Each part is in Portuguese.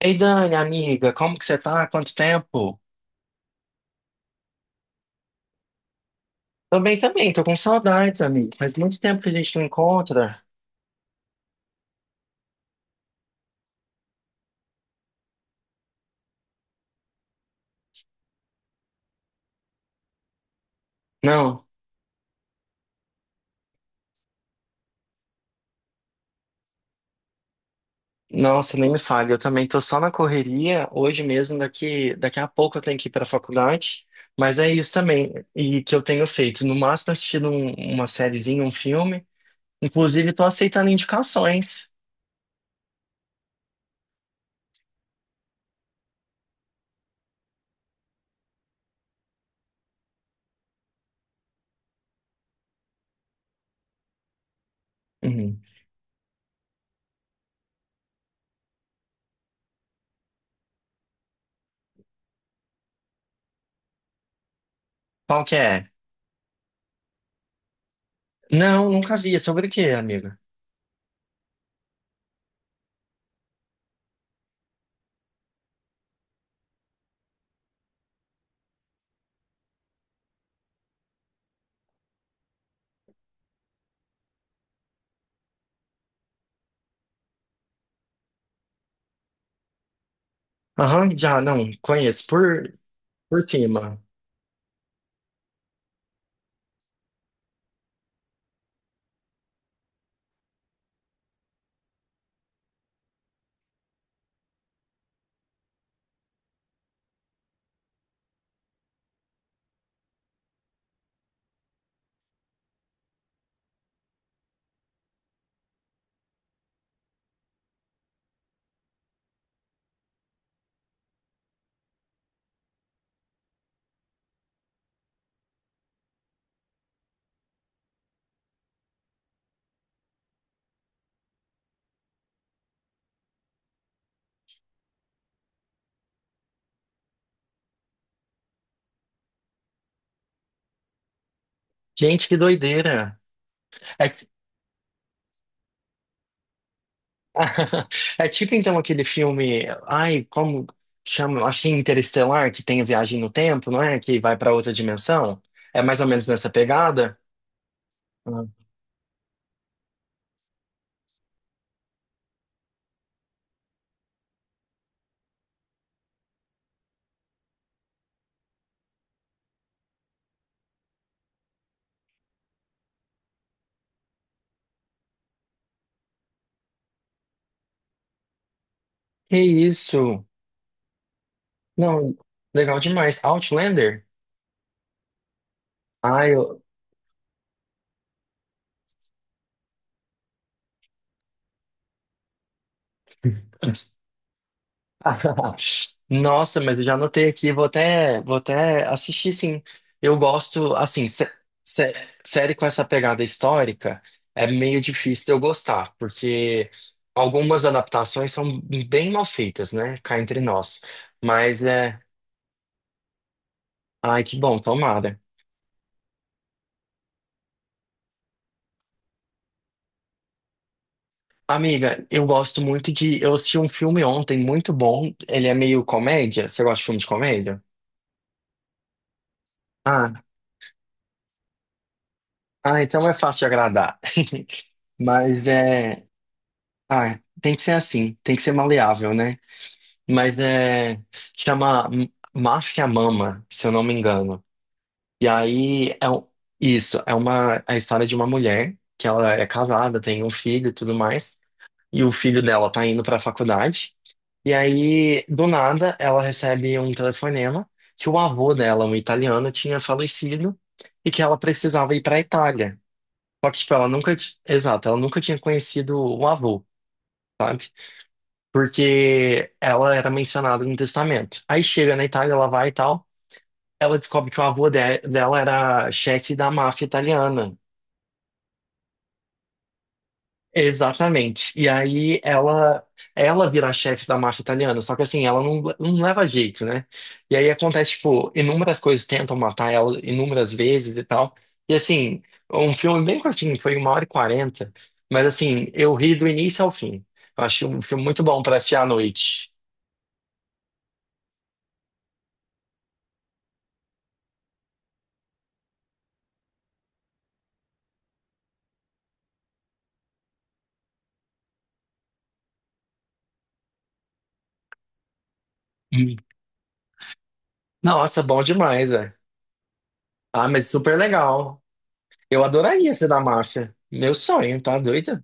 Ei, Dani, amiga, como que você tá? Quanto tempo? Também, também, tô com saudades, amigo. Faz muito tempo que a gente não encontra. Não, nossa, nem me fale. Eu também tô só na correria. Hoje mesmo, daqui a pouco eu tenho que ir pra faculdade. Mas é isso também, e que eu tenho feito. No máximo, assistindo uma sériezinha, um filme. Inclusive, tô aceitando indicações. Uhum. Qual que é? Não, nunca vi. É sobre o quê, amiga? Aham, já não conheço por, cima. Gente, que doideira. É, é tipo então aquele filme, ai, como chama? Acho que é Interestelar, que tem a viagem no tempo, não é? Que vai para outra dimensão. É mais ou menos nessa pegada? Ah, que isso? Não, legal demais. Outlander? Ai, eu. Nossa, mas eu já anotei aqui, vou até assistir sim. Eu gosto, assim, sé- série com essa pegada histórica é meio difícil de eu gostar, porque algumas adaptações são bem mal feitas, né? Cá entre nós. Mas é. Ai, que bom, tomada. Amiga, eu gosto muito de. Eu assisti um filme ontem muito bom. Ele é meio comédia. Você gosta de filme de comédia? Ah, ah, então é fácil de agradar. Mas é. Ah, tem que ser assim, tem que ser maleável, né? Mas é. Chama Máfia Mama, se eu não me engano. E aí é isso, é uma a história de uma mulher que ela é casada, tem um filho e tudo mais, e o filho dela tá indo pra faculdade. E aí, do nada, ela recebe um telefonema que o avô dela, um italiano, tinha falecido e que ela precisava ir pra Itália. Só que, tipo, ela nunca, t- exato, ela nunca tinha conhecido o avô. Sabe? Porque ela era mencionada no testamento. Aí chega na Itália, ela vai e tal, ela descobre que o avô dela era chefe da máfia italiana. Exatamente. E aí ela vira a chefe da máfia italiana, só que assim, ela não leva jeito, né? E aí acontece, tipo, inúmeras coisas tentam matar ela inúmeras vezes e tal. E assim, um filme bem curtinho, foi 1h40, mas assim, eu ri do início ao fim. Eu achei um filme muito bom pra assistir à noite. Hum. Nossa, bom demais, é. Ah, mas super legal. Eu adoraria ser da marcha, meu sonho, tá doido?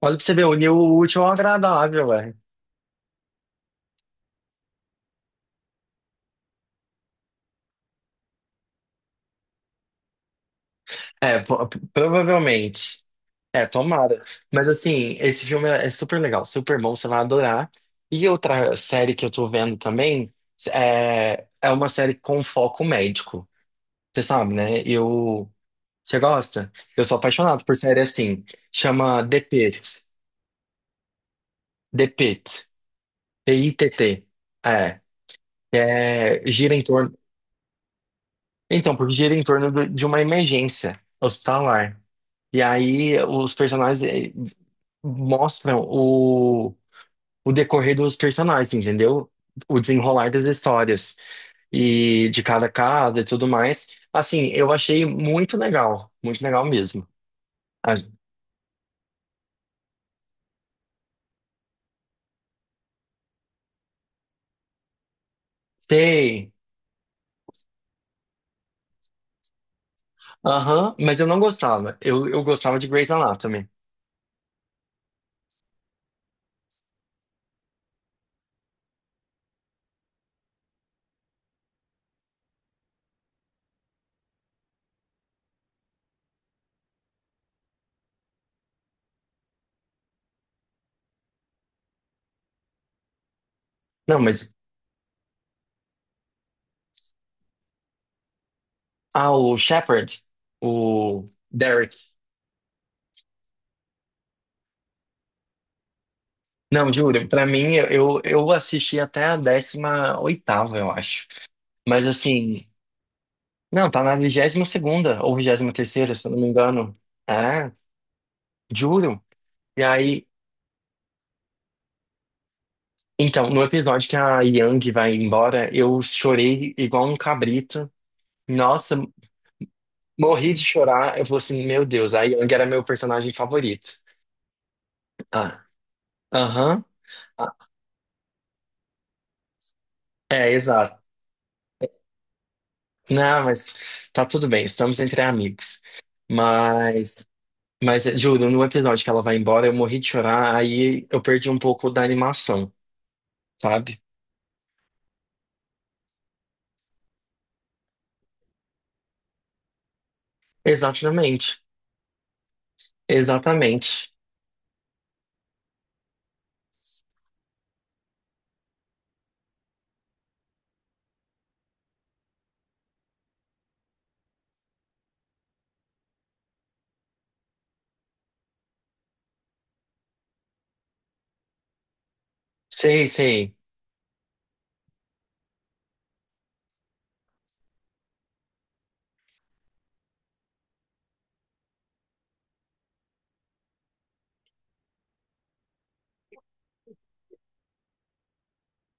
Olha pra você ver, unir o útil ao agradável, velho. É, provavelmente. É, tomara. Mas assim, esse filme é super legal, super bom, você vai adorar. E outra série que eu tô vendo também é uma série com foco médico. Você sabe, né? Eu. Você gosta? Eu sou apaixonado por série assim. Chama The Pitt. The Pitt. Pitt. Que É, gira em torno. Então, porque gira em torno de uma emergência hospitalar. E aí os personagens mostram o decorrer dos personagens, entendeu? O desenrolar das histórias e de cada casa e tudo mais. Assim, eu achei muito legal mesmo. Achei. Aham, mas eu não gostava. Eu gostava de Grey's Anatomy. Não, mas. Ah, o Shepard, o Derek. Não, juro, pra mim, eu assisti até a 18ª, eu acho. Mas assim, não, tá na 22ª ou 23ª, se eu não me engano. É, juro. E aí, então, no episódio que a Yang vai embora, eu chorei igual um cabrito. Nossa, morri de chorar. Eu falei assim, meu Deus, a Yang era meu personagem favorito. Ah, aham. Ah, é, exato. Não, mas tá tudo bem, estamos entre amigos. Mas juro, no episódio que ela vai embora, eu morri de chorar, aí eu perdi um pouco da animação, sabe? Exatamente, exatamente. Sei, sei.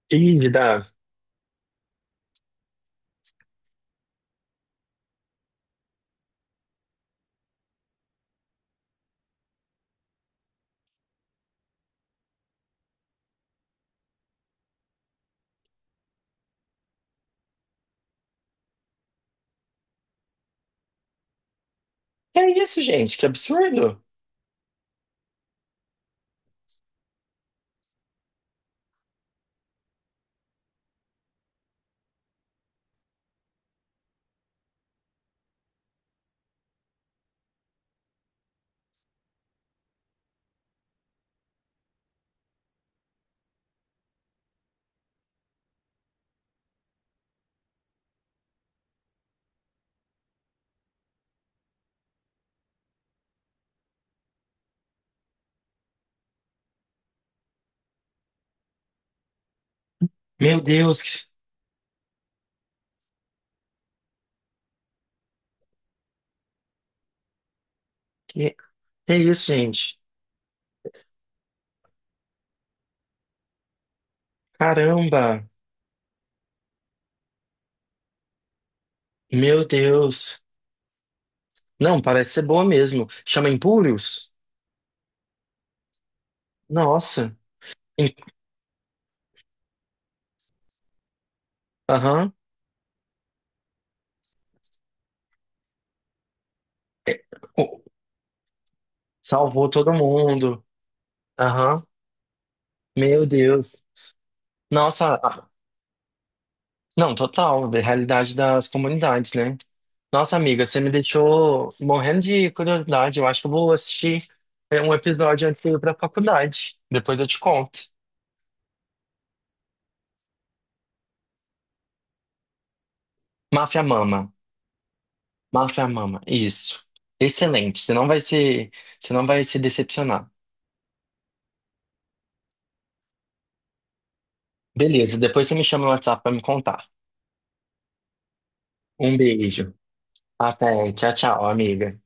Ih, dá. Que é isso, gente? Que absurdo! Meu Deus, que que é isso, gente? Caramba! Meu Deus! Não, parece ser boa mesmo. Chama Impúrios? Nossa! Em- Aham. É. O- Salvou todo mundo. Aham. Meu Deus. Nossa, não, total, da realidade das comunidades, né? Nossa, amiga, você me deixou morrendo de curiosidade. Eu acho que eu vou assistir um episódio antes de ir pra faculdade. Depois eu te conto. Máfia Mama. Máfia Mama, isso. Excelente. Você não vai se decepcionar. Beleza, depois você me chama no WhatsApp pra me contar. Um beijo. Até. Tchau, tchau, amiga.